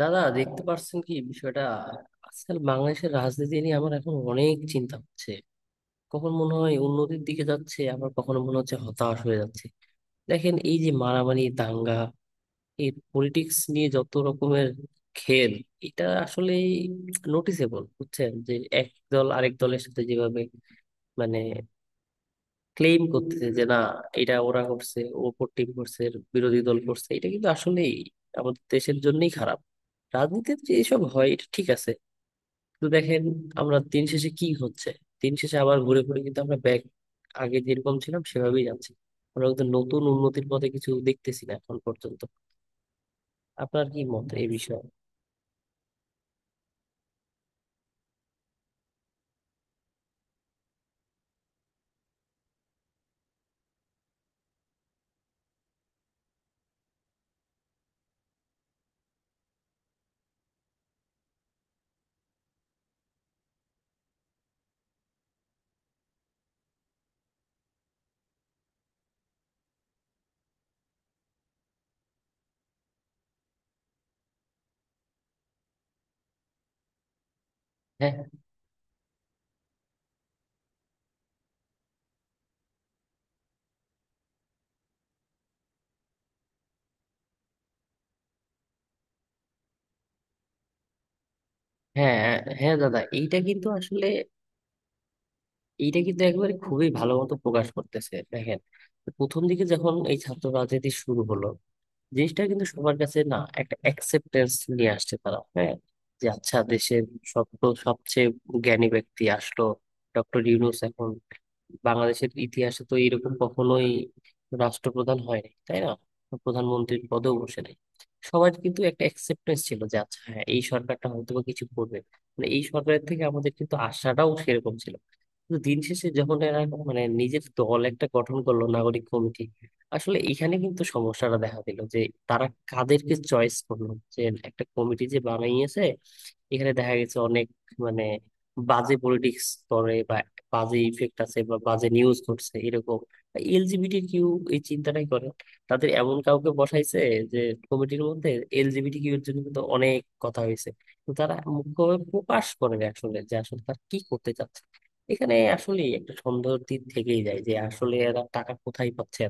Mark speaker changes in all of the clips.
Speaker 1: দাদা দেখতে পারছেন কি বিষয়টা? আজকাল বাংলাদেশের রাজনীতি নিয়ে আমার এখন অনেক চিন্তা হচ্ছে। কখন মনে হয় উন্নতির দিকে যাচ্ছে, আবার কখনো মনে হচ্ছে হতাশ হয়ে যাচ্ছে। দেখেন, এই যে মারামারি, দাঙ্গা, এই পলিটিক্স নিয়ে যত রকমের খেল, এটা আসলে নোটিসেবল, বুঝছেন? যে এক দল আরেক দলের সাথে যেভাবে মানে ক্লেম করতেছে যে না, এটা ওরা করছে, ওপর টিম করছে, বিরোধী দল করছে, এটা কিন্তু আসলেই আমাদের দেশের জন্যই খারাপ। রাজনীতিতে যে এসব হয় এটা ঠিক আছে, কিন্তু দেখেন, আমরা দিন শেষে কি হচ্ছে, দিন শেষে আবার ঘুরে ঘুরে কিন্তু আমরা ব্যাক, আগে যেরকম ছিলাম সেভাবেই যাচ্ছি। আমরা কিন্তু নতুন উন্নতির পথে কিছু দেখতেছি না এখন পর্যন্ত। আপনার কি মত এই বিষয়ে? হ্যাঁ, হ্যাঁ, হ্যাঁ দাদা, এইটা কিন্তু আসলে এইটা কিন্তু একবারে খুবই ভালো মতো প্রকাশ করতেছে, দেখেন। প্রথম দিকে যখন এই ছাত্র রাজনীতি শুরু হলো, জিনিসটা কিন্তু সবার কাছে না একটা অ্যাকসেপ্টেন্স নিয়ে আসছে তারা। হ্যাঁ, যে আচ্ছা, দেশের সব, সবচেয়ে জ্ঞানী ব্যক্তি আসলো, ডক্টর ইউনূস। এখন বাংলাদেশের ইতিহাসে তো এরকম কখনোই রাষ্ট্রপ্রধান হয়নি, তাই না? প্রধানমন্ত্রীর পদেও বসে নাই। সবার কিন্তু একটা অ্যাকসেপ্টেন্স ছিল যে আচ্ছা হ্যাঁ, এই সরকারটা হয়তো বা কিছু করবে। মানে এই সরকারের থেকে আমাদের কিন্তু আশাটাও সেরকম ছিল। কিন্তু দিন শেষে যখন এরা মানে নিজের দল একটা গঠন করলো নাগরিক কমিটি, আসলে এখানে কিন্তু সমস্যাটা দেখা দিল যে তারা কাদেরকে চয়েস করলো। যে একটা কমিটি যে বানাইয়েছে, এখানে দেখা গেছে অনেক মানে বাজে পলিটিক্স করে বা বাজে ইফেক্ট আছে বা বাজে নিউজ ঘটছে এরকম এলজিবিটি কিউ এই চিন্তাটাই করে, তাদের এমন কাউকে বসাইছে যে কমিটির মধ্যে। এলজিবিটি কিউ এর জন্য কিন্তু অনেক কথা হয়েছে। তো তারা মুখ্যভাবে প্রকাশ করে না আসলে যে আসলে তারা কি করতে চাচ্ছে। এখানে আসলে একটা সন্দেহের দিক থেকেই যায় যে আসলে এরা টাকা কোথায় পাচ্ছে।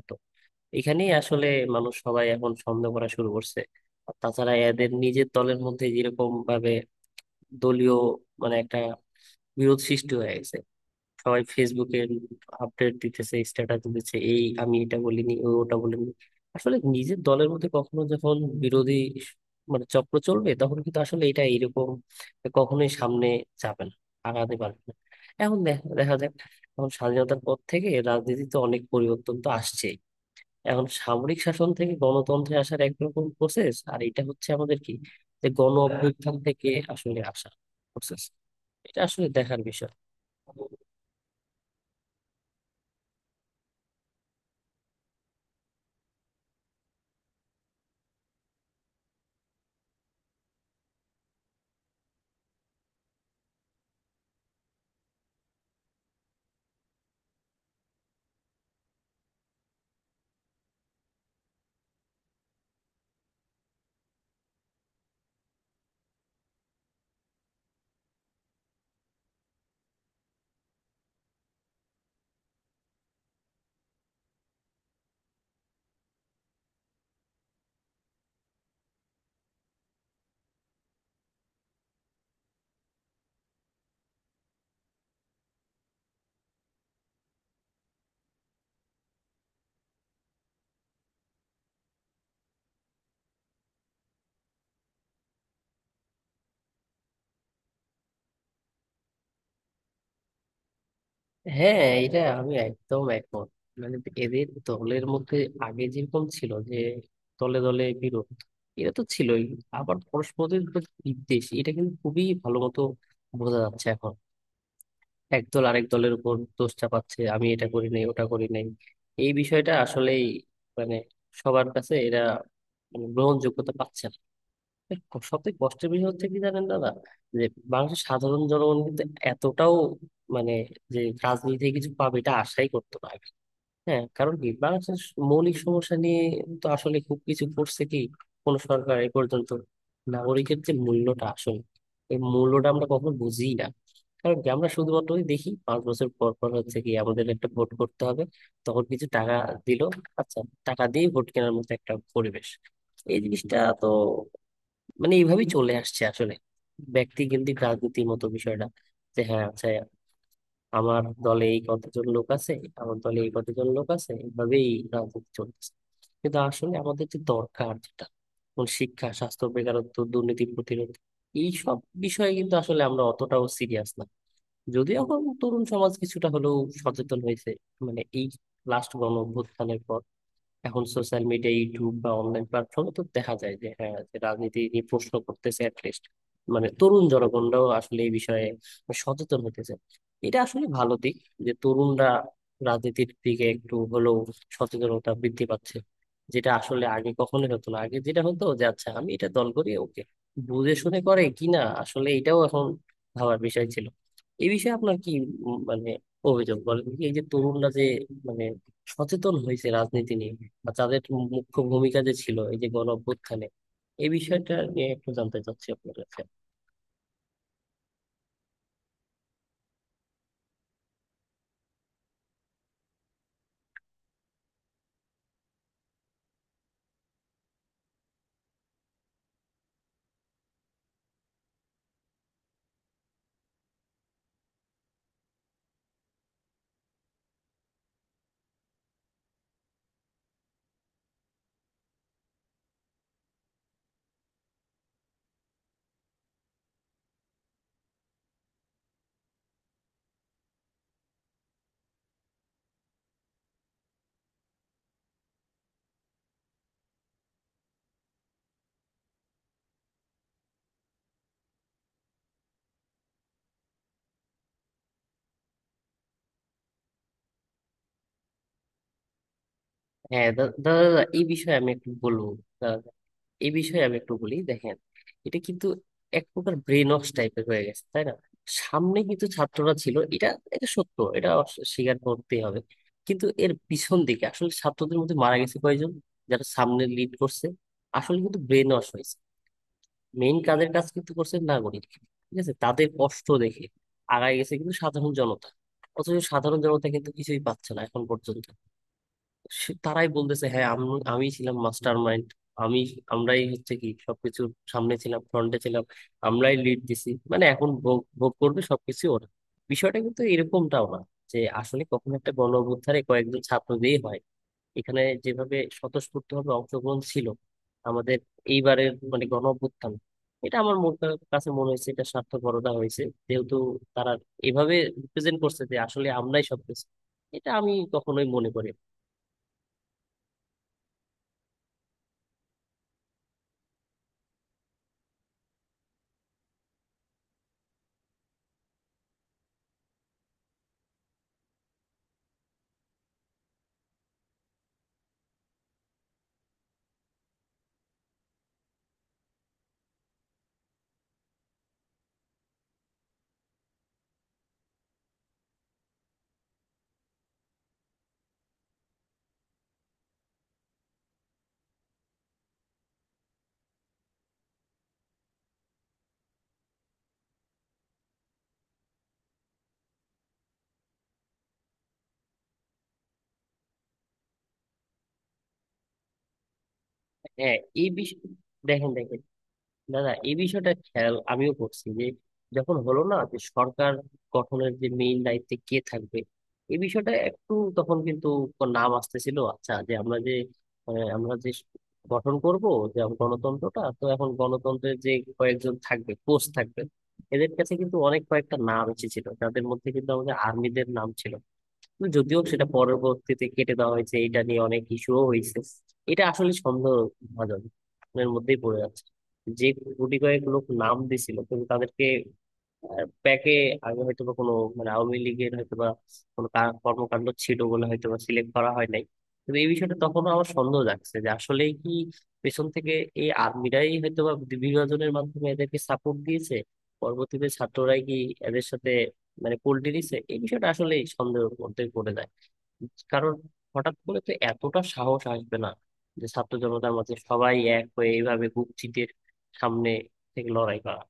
Speaker 1: এখানেই আসলে মানুষ সবাই এখন সন্দেহ করা শুরু করছে। আর তাছাড়া এদের নিজের দলের মধ্যে যেরকম ভাবে দলীয় মানে একটা বিরোধ সৃষ্টি হয়ে গেছে। সবাই ফেসবুকে আপডেট দিতেছে, স্ট্যাটাস দিতেছে, এই আমি এটা বলিনি, ও ওটা বলিনি। আসলে নিজের দলের মধ্যে কখনো যখন বিরোধী মানে চক্র চলবে, তখন কিন্তু আসলে এটা এরকম কখনোই সামনে যাবে না, আগাতে পারবে না। এখন দেখা দেখা যাক। এখন স্বাধীনতার পর থেকে রাজনীতিতে অনেক পরিবর্তন তো আসছে। এখন সামরিক শাসন থেকে গণতন্ত্রে আসার একরকম প্রসেস, আর এটা হচ্ছে আমাদের কি, যে গণ অভ্যুত্থান থেকে আসলে আসা প্রসেস, এটা আসলে দেখার বিষয়। হ্যাঁ, এটা আমি একদম একমত। মানে এদের দলের মধ্যে আগে যেরকম ছিল যে দলে দলে বিরোধ, এটা তো ছিলই, আবার পরস্পরের উপর বিদ্বেষ, এটা কিন্তু খুবই ভালো মতো বোঝা যাচ্ছে এখন। একদল আরেক দলের উপর দোষ চাপাচ্ছে, আমি এটা করি নাই, ওটা করি নাই। এই বিষয়টা আসলেই মানে সবার কাছে এরা মানে গ্রহণযোগ্যতা পাচ্ছে না। সবথেকে কষ্টের বিষয় হচ্ছে কি জানেন দাদা? যে বাংলাদেশের সাধারণ জনগণ কিন্তু এতটাও মানে যে রাজনীতি থেকে কিছু পাবে এটা আশাই করতো না। হ্যাঁ, কারণ কি, বাংলাদেশের মৌলিক সমস্যা নিয়ে তো আসলে খুব কিছু করছে কি কোন সরকার এ পর্যন্ত? নাগরিকের যে মূল্যটা আসলে, এই মূল্যটা আমরা কখনো বুঝি না। কারণ কি, আমরা শুধুমাত্র ওই দেখি পাঁচ বছর পর পর হচ্ছে কি আমাদের একটা ভোট করতে হবে, তখন কিছু টাকা দিল, আচ্ছা। টাকা দিয়ে ভোট কেনার মতো একটা পরিবেশ, এই জিনিসটা তো মানে এইভাবেই চলে আসছে আসলে। ব্যক্তি কেন্দ্রিক রাজনীতির মতো বিষয়টা, যে হ্যাঁ আচ্ছা, আমার দলে এই কতজন লোক আছে, আমার দলে এই কতজন লোক আছে, এভাবেই রাজনীতি চলতেছে। কিন্তু আসলে আমাদের যে দরকার যেটা, যেমন শিক্ষা, স্বাস্থ্য, বেকারত্ব, দুর্নীতি প্রতিরোধ, এই সব বিষয়ে কিন্তু আসলে আমরা অতটাও সিরিয়াস না। যদিও এখন তরুণ সমাজ কিছুটা হলেও সচেতন হয়েছে মানে এই লাস্ট গণ অভ্যুত্থানের পর। এখন সোশ্যাল মিডিয়া, ইউটিউব বা অনলাইন প্ল্যাটফর্মে তো দেখা যায় যে হ্যাঁ, যে রাজনীতি নিয়ে প্রশ্ন করতেছে অ্যাটলিস্ট মানে তরুণ জনগণরাও আসলে এই বিষয়ে সচেতন হতেছে। এটা আসলে ভালো দিক যে তরুণরা রাজনীতির দিকে একটু হলেও সচেতনতা বৃদ্ধি পাচ্ছে, যেটা আসলে আগে কখনোই হতো না। আগে যেটা হতো যে আচ্ছা, আমি এটা দল করি, ওকে, বুঝে শুনে করে কিনা আসলে এটাও এখন ভাবার বিষয় ছিল। এই বিষয়ে আপনার কি মানে অভিযোগ বলেন কি, এই যে তরুণরা যে মানে সচেতন হয়েছে রাজনীতি নিয়ে, বা তাদের মুখ্য ভূমিকা যে ছিল এই যে গণ অভ্যুত্থানে, এই বিষয়টা নিয়ে একটু জানতে চাচ্ছি আপনার কাছে। হ্যাঁ, দাদা, দাদা, এই বিষয়ে আমি একটু বলবো। দাদা, এই বিষয়ে আমি একটু বলি, দেখেন। এটা কিন্তু এক প্রকার ব্রেন ওয়াশ টাইপের হয়ে গেছে, তাই না? সামনে কিন্তু ছাত্ররা ছিল, এটা এটা সত্য, এটা স্বীকার করতেই হবে। কিন্তু এর পিছন দিকে আসলে ছাত্রদের মধ্যে মারা গেছে কয়জন যারা সামনে লিড করছে? আসলে কিন্তু ব্রেন ওয়াশ হয়েছে। মেইন কাজের কাজ কিন্তু করছে নাগরিক, ঠিক আছে, তাদের কষ্ট দেখে আগায় গেছে কিন্তু সাধারণ জনতা। অথচ সাধারণ জনতা কিন্তু কিছুই পাচ্ছে না এখন পর্যন্ত। তারাই বলতেছে হ্যাঁ, আমি, আমি ছিলাম মাস্টার মাইন্ড, আমি, আমরাই হচ্ছে কি সবকিছুর সামনে ছিলাম, ফ্রন্টে ছিলাম, আমরাই লিড দিছি, মানে এখন ভোগ ভোগ করবে সবকিছু ওরা। বিষয়টা কিন্তু এরকমটাও না যে আসলে কখনো একটা গণ অভ্যুত্থানে কয়েকজন ছাত্র দিয়ে হয়। এখানে যেভাবে স্বতঃস্ফূর্তভাবে অংশগ্রহণ ছিল আমাদের এইবারের মানে গণ অভ্যুত্থান, এটা আমার মন কাছে মনে হয়েছে এটা স্বার্থপরতা হয়েছে, যেহেতু তারা এভাবে রিপ্রেজেন্ট করছে যে আসলে আমরাই সবকিছু। এটা আমি কখনোই মনে করি না। হ্যাঁ, এই বিষয়ে দেখেন, দেখেন, না, না, এই বিষয়টা খেয়াল আমিও করছি, যে যখন হলো না যে সরকার গঠনের যে মেইন দায়িত্বে কে থাকবে এই বিষয়টা একটু, তখন কিন্তু নাম আসতেছিল আচ্ছা, যে আমরা যে, আমরা যে গঠন করব, যে গণতন্ত্রটা তো এখন গণতন্ত্রের যে কয়েকজন থাকবে, কোচ থাকবে, এদের কাছে কিন্তু অনেক কয়েকটা নাম এসেছিল যাদের মধ্যে কিন্তু আমাদের আর্মিদের নাম ছিল। যদিও সেটা পরবর্তীতে কেটে দেওয়া হয়েছে, এটা নিয়ে অনেক ইস্যুও হয়েছে। এটা আসলে সন্দেহভাজন এর মধ্যেই পড়ে যাচ্ছে। যে কোটি কয়েক লোক নাম দিছিল কিন্তু তাদেরকে ব্যাকে, আগে হয়তো বা কোনো মানে আওয়ামী লীগের হয়তো বা কোনো কর্মকাণ্ড ছিল বলে হয়তো বা সিলেক্ট করা হয় নাই। কিন্তু এই বিষয়টা তখনও আমার সন্দেহ জাগছে যে আসলেই কি পেছন থেকে এই আর্মিরাই হয়তো বা বিভাজনের মাধ্যমে এদেরকে সাপোর্ট দিয়েছে, পরবর্তীতে ছাত্ররাই কি এদের সাথে মানে পোল্টি দিছে, এই বিষয়টা আসলে সন্দেহের মধ্যে পড়ে যায়। কারণ হঠাৎ করে তো এতটা সাহস আসবে না যে ছাত্র জনতার মধ্যে সবাই এক হয়ে এইভাবে বুক চিতিয়ে সামনে থেকে লড়াই করা।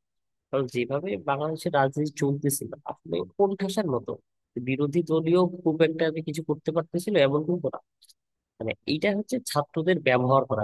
Speaker 1: কারণ যেভাবে বাংলাদেশের রাজনীতি চলতেছিল, আপনি কোন ঠাসার মতো বিরোধী দলীয় খুব একটা যে কিছু করতে পারতেছিল এমন কিন্তু না। মানে এইটা হচ্ছে ছাত্রদের ব্যবহার করা।